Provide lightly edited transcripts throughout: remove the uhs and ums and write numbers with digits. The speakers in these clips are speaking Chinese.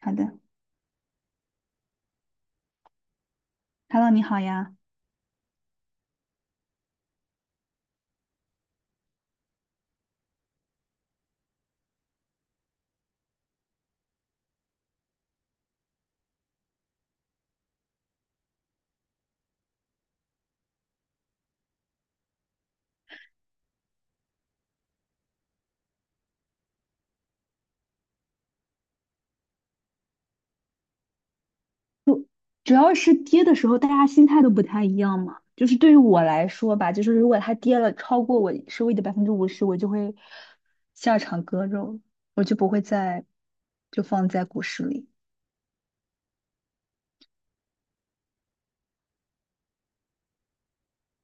好的，Hello，你好呀。主要是跌的时候，大家心态都不太一样嘛。就是对于我来说吧，就是如果它跌了超过我收益的50%，我就会下场割肉，我就不会再就放在股市里。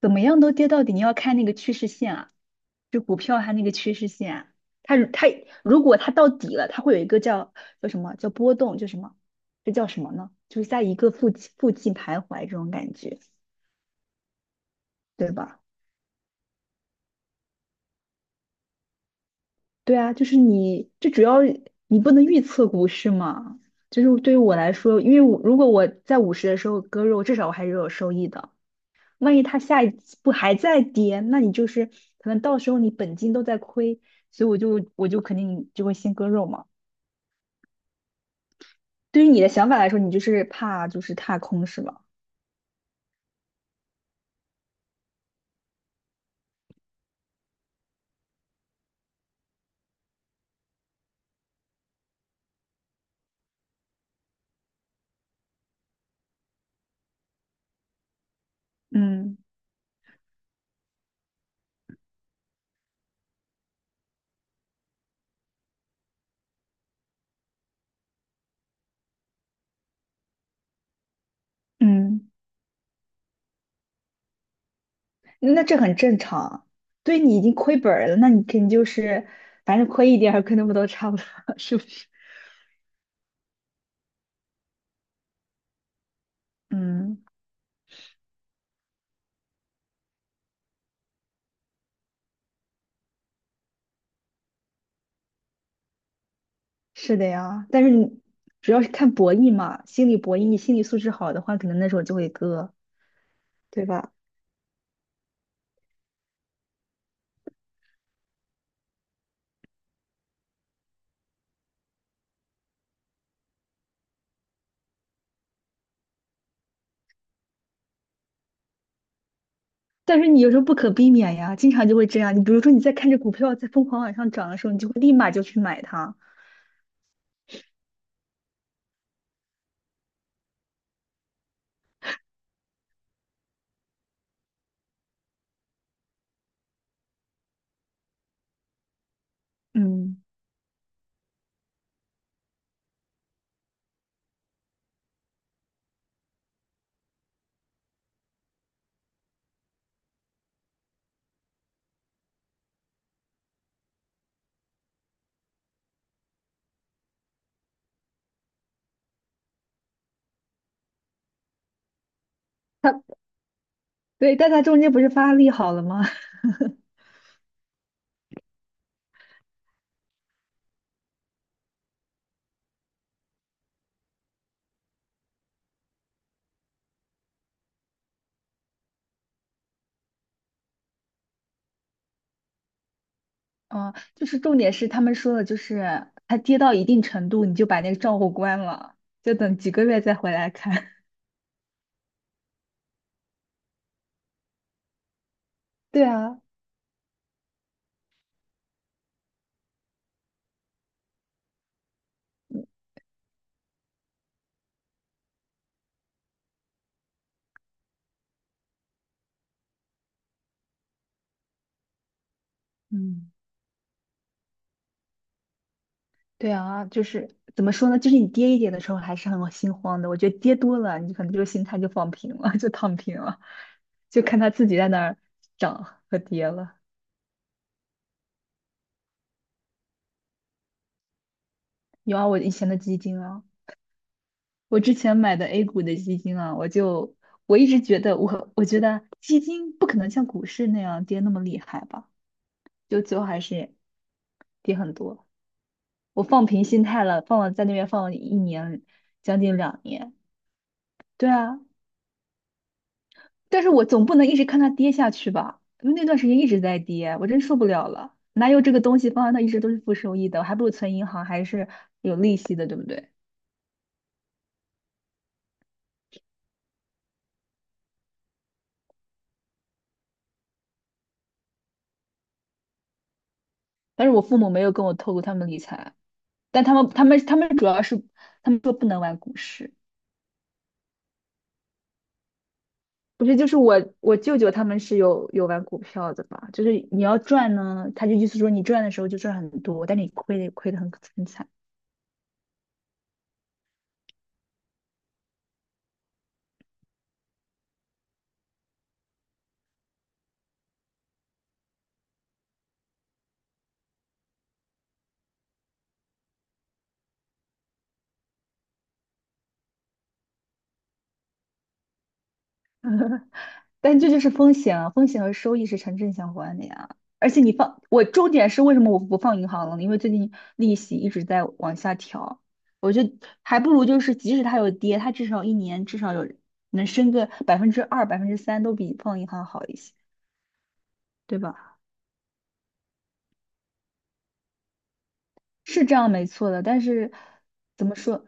怎么样都跌到底，你要看那个趋势线啊，就股票它那个趋势线啊，它如果它到底了，它会有一个叫叫什么叫波动，就什么这叫什么呢？就是在一个附近徘徊这种感觉，对吧？对啊，就是你，这主要你不能预测股市嘛。就是对于我来说，因为如果我在五十的时候割肉，至少我还是有收益的。万一它下一不还在跌，那你就是可能到时候你本金都在亏，所以我就肯定就会先割肉嘛。对于你的想法来说，你就是怕就是踏空是吗？嗯嗯，那这很正常啊，对，你已经亏本儿了，那你肯定就是反正亏一点儿亏那么多差不多，是不是？嗯。是的呀，但是你主要是看博弈嘛，心理博弈，你心理素质好的话，可能那时候就会割，对吧？但是你有时候不可避免呀，经常就会这样。你比如说你在看着股票在疯狂往上涨的时候，你就会立马就去买它，嗯，它对,但它中间不是发力好了吗？嗯，就是重点是他们说的，就是它跌到一定程度，你就把那个账户关了，就等几个月再回来看。对啊，嗯。嗯，对啊，就是怎么说呢？就是你跌一点的时候还是很心慌的。我觉得跌多了，你可能就心态就放平了，就躺平了，就看它自己在那儿涨和跌了。有啊，我以前的基金啊，我之前买的 A 股的基金啊，我一直觉得我觉得基金不可能像股市那样跌那么厉害吧，就最后还是跌很多。我放平心态了，在那边放了一年，将近2年。对啊，但是我总不能一直看它跌下去吧？因为那段时间一直在跌，我真受不了了。哪有这个东西放在那一直都是负收益的？我还不如存银行，还是有利息的，对不对？但是我父母没有跟我透露他们理财，但他们主要是他们说不能玩股市，不是就是我舅舅他们是有玩股票的吧？就是你要赚呢，他就意思说你赚的时候就赚很多，但你亏的很惨。但这就是风险啊，风险和收益是成正相关的呀。而且你放，我重点是为什么我不放银行了呢？因为最近利息一直在往下调，我就还不如就是即使它有跌，它至少一年至少有能升个百分之二、百分之三，都比放银行好一些，对吧？是这样没错的，但是怎么说？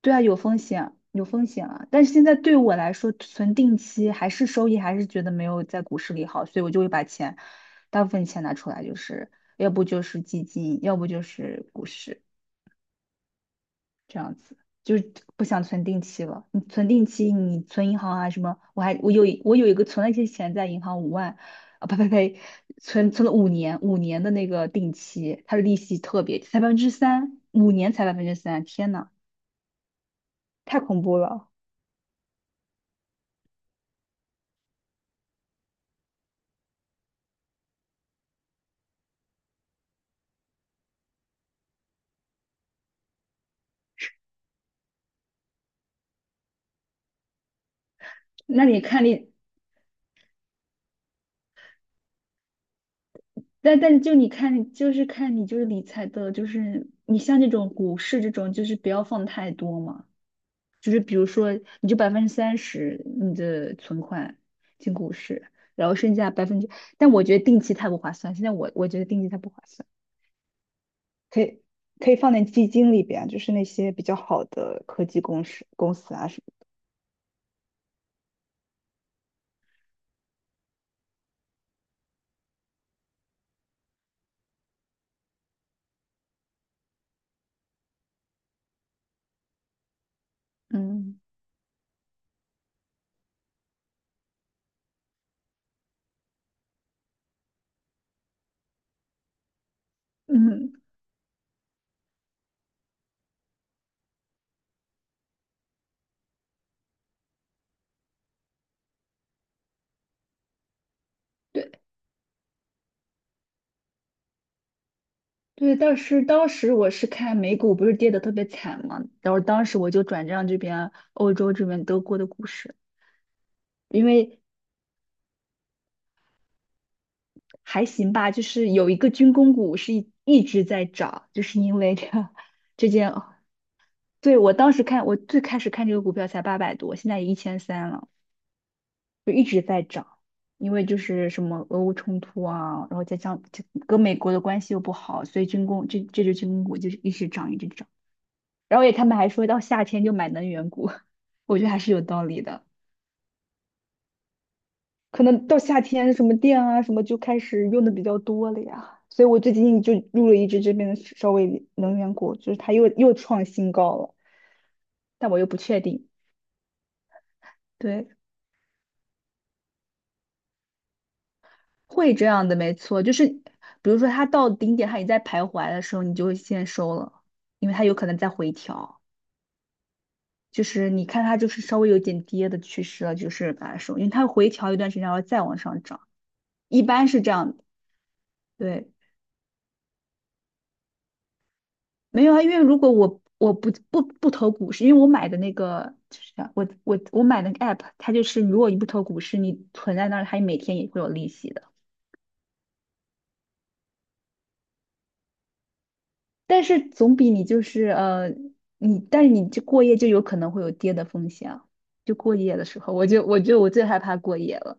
对啊，有风险，有风险啊。但是现在对我来说，存定期还是收益，还是觉得没有在股市里好，所以我就会把钱，大部分钱拿出来，就是要不就是基金，要不就是股市，就是不想存定期了。你存定期，你存银行啊什么，我有一个存了一些钱在银行5万，啊呸呸呸，存了五年的那个定期，它的利息特别才百分之三，五年才百分之三，天呐，太恐怖了。那你看你。但但就你看，就是看你就是理财的，就是你像这种股市这种，就是不要放太多嘛。就是比如说，你就30%你的存款进股市，然后剩下百分之，但我觉得定期太不划算。现在我觉得定期太不划算，可以可以放在基金里边，就是那些比较好的科技公司啊什么的。嗯嗯。对。对，但是当时我是看美股不是跌得特别惨嘛，然后当时我就转战这边欧洲这边德国的股市，因为还行吧，就是有一个军工股是一直在涨，就是因为这个这件，对，我当时看我最开始看这个股票才800多，现在也1300了，就一直在涨，因为就是什么俄乌冲突啊，然后再加上这跟美国的关系又不好，所以军工这支军工股就是一直涨一直涨。然后也他们还说到夏天就买能源股，我觉得还是有道理的。可能到夏天什么电啊什么就开始用的比较多了呀，所以我最近就入了一只这边的稍微能源股，就是它又创新高了，但我又不确定。对，会这样的，没错，就是比如说它到顶点，它也在徘徊的时候，你就会先收了，因为它有可能在回调。就是你看它就是稍微有点跌的趋势了，就是把它收，因为它回调一段时间，然后再往上涨，一般是这样的。对，没有啊，因为如果我不投股市，因为我买的那个就是啥我买那个 app,它就是如果你不投股市，你存在那儿，它每天也会有利息的。但是总比你就是但是你这过夜就有可能会有跌的风险啊。就过夜的时候，我最害怕过夜了。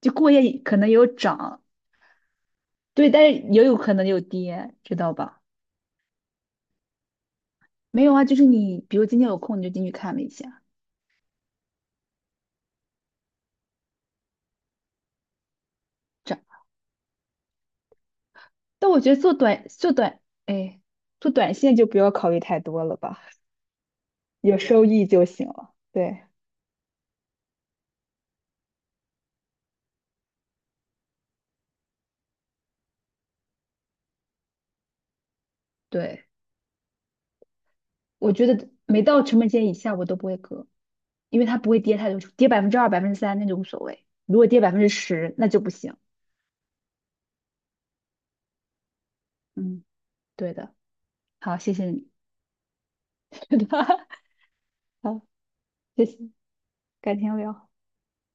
就过夜可能有涨，对，但是也有可能有跌，知道吧？没有啊，就是你比如今天有空你就进去看了一下。涨。但我觉得做短做短，哎，做短线就不要考虑太多了吧，有收益就行了。对，对，我觉得没到成本线以下我都不会割，因为它不会跌太多，跌百分之二、百分之三那就无所谓，如果跌10%那就不行。嗯，对的。好，谢谢你。好，谢谢，改天聊。